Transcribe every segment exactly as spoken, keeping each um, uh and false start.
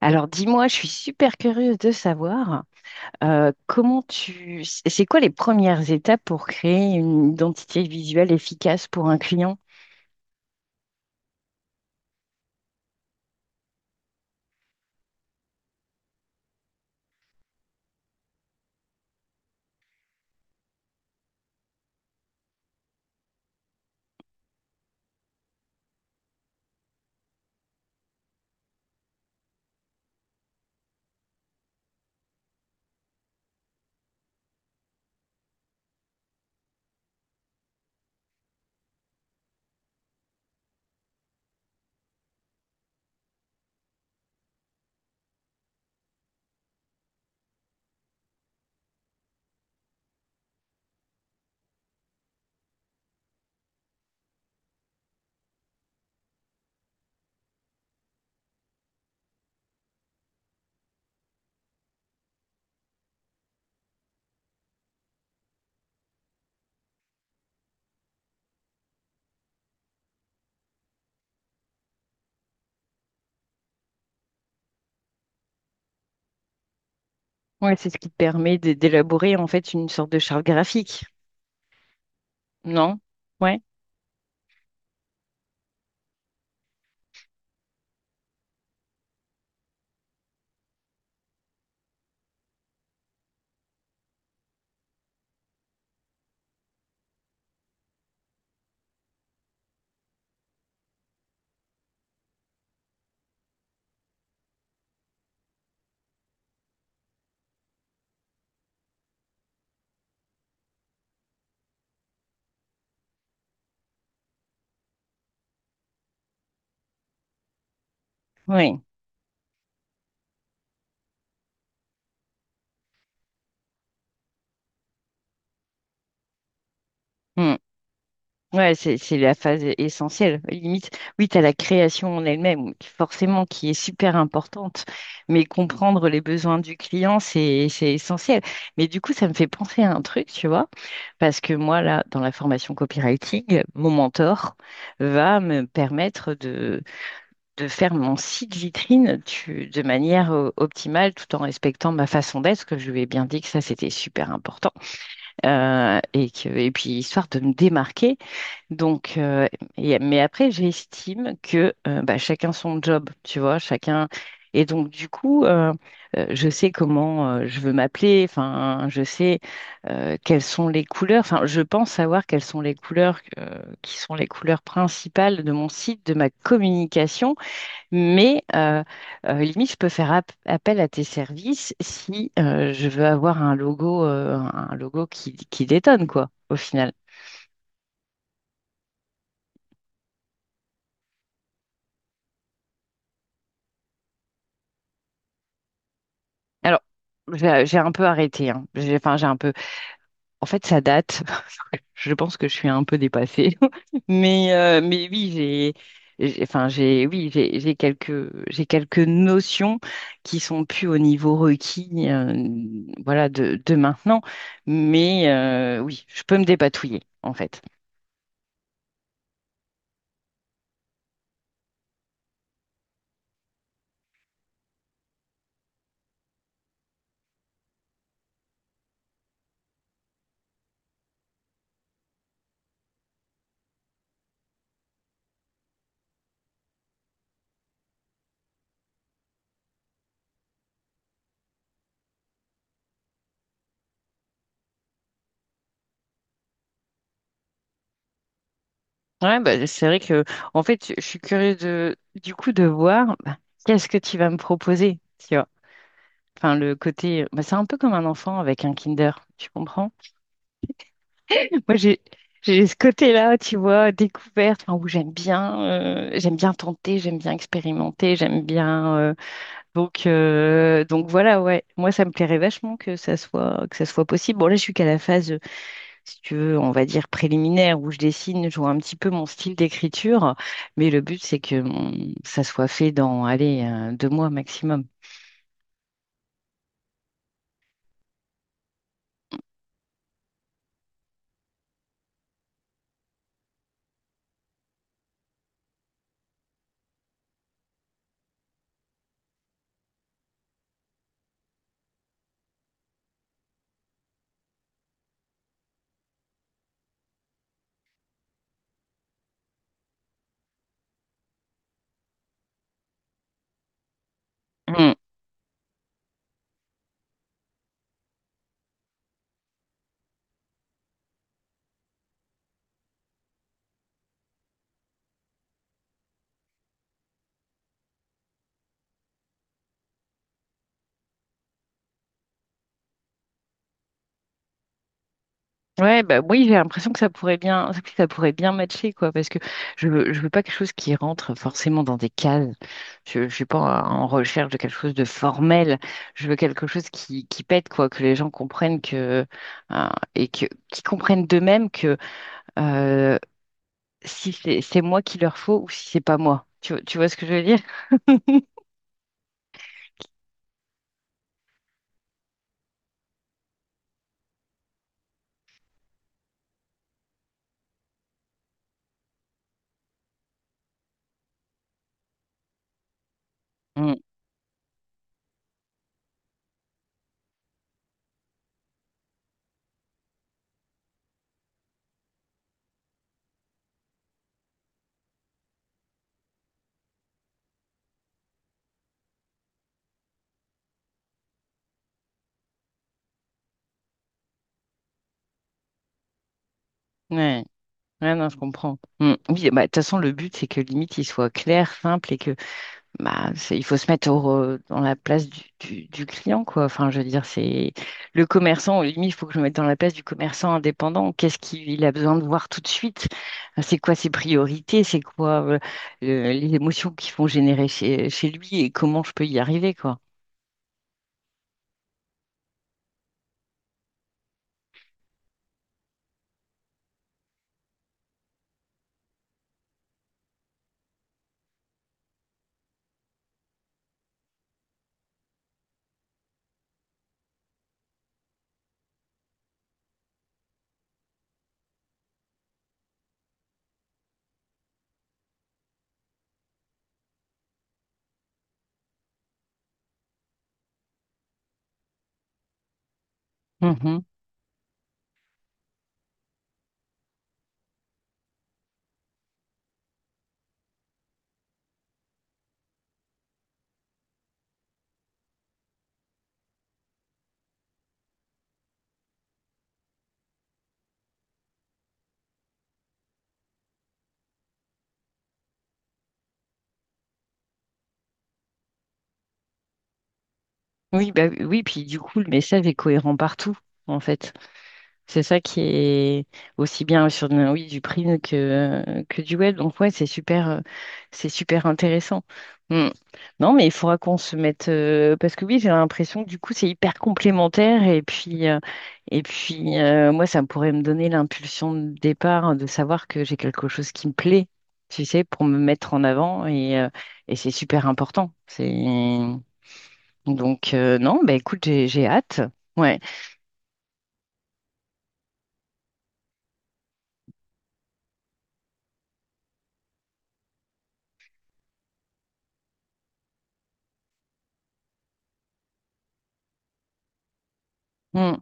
Alors dis-moi, je suis super curieuse de savoir euh, comment tu... C'est quoi les premières étapes pour créer une identité visuelle efficace pour un client? Ouais, c'est ce qui te permet d'é- d'élaborer en fait une sorte de charte graphique, non? Ouais, ouais. Hmm. Ouais, c'est c'est la phase essentielle. Limite, oui, tu as la création en elle-même, oui, qui- forcément, qui est super importante, mais comprendre les besoins du client, c'est c'est essentiel. Mais du coup, ça me fait penser à un truc, tu vois. Parce que moi, là, dans la formation copywriting, mon mentor va me permettre de, de faire mon site vitrine tu- de manière euh, optimale tout en respectant ma façon d'être, parce que je lui ai bien dit que ça, c'était super important. Euh, et que, et puis, histoire de me démarquer donc, euh, et- mais après, j'estime que euh, bah, chacun son job, tu vois, chacun. Et donc, du coup, euh, euh, je sais comment euh, je veux m'appeler, enfin, je sais euh, quelles sont les couleurs, enfin, je pense savoir quelles sont les couleurs euh, qui sont les couleurs principales de mon site, de ma communication, mais euh, euh, limite, je peux faire ap- appel à tes services si euh, je veux avoir un logo, euh, un logo qui, qui détonne, quoi, au final. Alors, j'ai j'ai un peu arrêté, hein. J'ai, enfin, j'ai un peu. En fait, ça date. Je pense que je suis un peu dépassée. Mais, euh, mais oui, j'ai, j'ai- enfin, j'ai, oui, j'ai, j'ai quelques, j'ai quelques notions qui sont plus au niveau requis, euh, voilà, de, de maintenant. Mais euh, oui, je peux me dépatouiller, en fait. Ouais, bah, c'est vrai que, en fait, je suis curieuse de, du coup, de voir bah, qu'est-ce que tu vas me proposer. Enfin, le côté, bah, c'est un peu comme un enfant avec un Kinder, tu comprends? Moi, j'ai j'ai ce côté-là, tu vois, découverte, enfin, où j'aime bien, euh, j'aime bien tenter, j'aime bien expérimenter, j'aime bien. euh, Donc, euh, donc voilà, ouais. Moi, ça me plairait vachement que ça soit que ça soit possible. Bon, là, je suis qu'à la phase, euh, si tu veux, on va dire préliminaire, où je dessine, je vois un petit peu mon style d'écriture, mais le but, c'est que mon- ça soit fait dans, allez, euh, deux mois maximum. Ouais, bah oui, j'ai l'impression que ça pourrait bien, que ça pourrait bien matcher, quoi, parce que je veux, je veux pas quelque chose qui rentre forcément dans des cases. Je, je suis pas en recherche de quelque chose de formel. Je veux quelque chose qui, qui pète, quoi, que les gens comprennent que, euh, et que, qui comprennent d'eux-mêmes que, euh, si c'est c'est moi qu'il leur faut ou si c'est pas moi. Tu, vois- tu vois ce que je veux dire? Mm. Ouais. Ouais, non, je comprends. Mm. Oui, bah, de toute façon, le but, c'est que limite, il soit clair, simple et que... Bah, c'est- il faut se mettre au re- dans la place du, du- du client, quoi. Enfin, je veux dire, c'est le commerçant, limite, il faut que je me mette dans la place du commerçant indépendant. Qu'est-ce qu'il a besoin de voir tout de suite? C'est quoi ses priorités? C'est quoi euh, euh, les émotions qui font générer chez, chez lui et comment je peux y arriver, quoi. Mhm. Oui, bah oui, puis du coup, le message est cohérent partout, en fait. C'est ça qui est aussi bien sur euh, oui, du print que, que du web. Donc ouais, c'est super, euh, c'est super intéressant. Hmm. Non, mais il faudra qu'on se mette euh, parce que oui, j'ai l'impression que du coup c'est hyper complémentaire et puis euh, et puis euh, moi ça pourrait me donner l'impulsion de départ de savoir que j'ai quelque chose qui me plaît, tu sais, pour me mettre en avant et, euh, et c'est super important. C'est donc euh, non, bah écoute, j'ai j'ai hâte. Ouais. Mmh.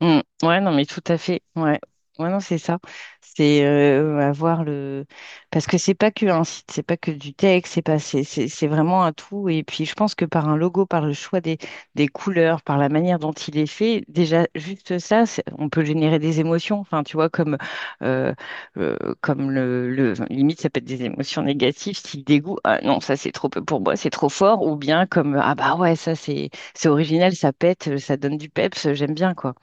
Mm. Ouais, non, mais tout à fait. Ouais, ouais, non, c'est ça. C'est euh, avoir le. Parce que c'est pas que un site, c'est pas que du texte, c'est pas, c'est c'est- c'est vraiment un tout. Et puis, je pense que par un logo, par le choix des, des couleurs, par la manière dont il est fait, déjà, juste ça, c'est- on peut générer des émotions. Enfin, tu vois, comme, euh, euh, comme le, le. enfin, Limite, ça peut être des émotions négatives, style dégoût. Ah non, ça, c'est trop peu pour moi, c'est trop fort. Ou bien comme, ah bah ouais, ça, c'est c'est original, ça pète, ça donne du peps, j'aime bien, quoi.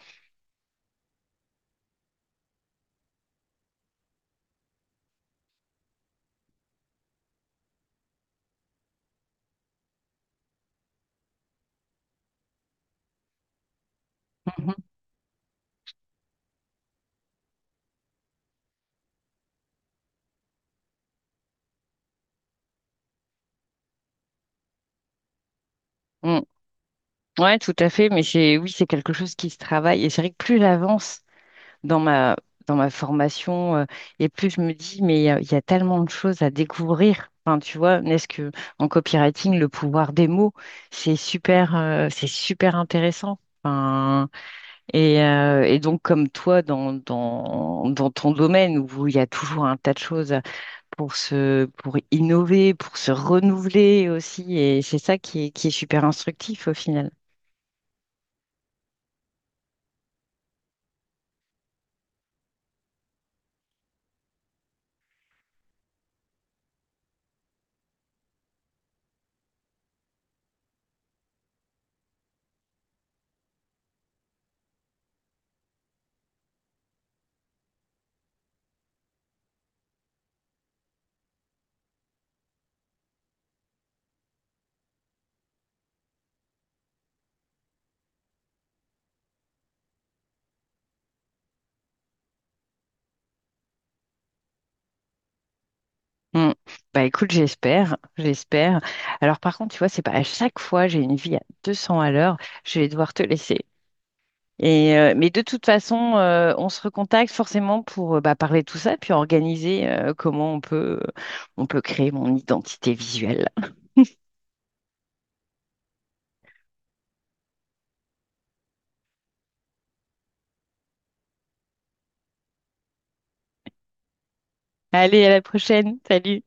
Mhm. Mm. Ouais, tout à fait, mais c'est oui, c'est quelque chose qui se travaille. Et c'est vrai que plus j'avance dans ma dans ma formation, euh, et plus je me dis, mais il y a, il y a tellement de choses à découvrir. Enfin, tu vois, n'est-ce que en copywriting, le pouvoir des mots, c'est super, euh, c'est super intéressant. Enfin, et, euh, et donc, comme toi, dans, dans, dans ton domaine où il y a toujours un tas de choses pour se, pour innover, pour se renouveler aussi, et c'est ça qui est, qui est super instructif au final. Mm. Bah écoute, j'espère, j'espère. Alors par contre, tu vois, c'est pas à chaque fois, j'ai une vie à deux cents à l'heure, je vais devoir te laisser. Et, euh, mais de toute façon, euh, on se recontacte forcément pour euh, bah, parler de tout ça, puis organiser euh, comment on peut, on peut créer mon identité visuelle. Allez, à la prochaine. Salut.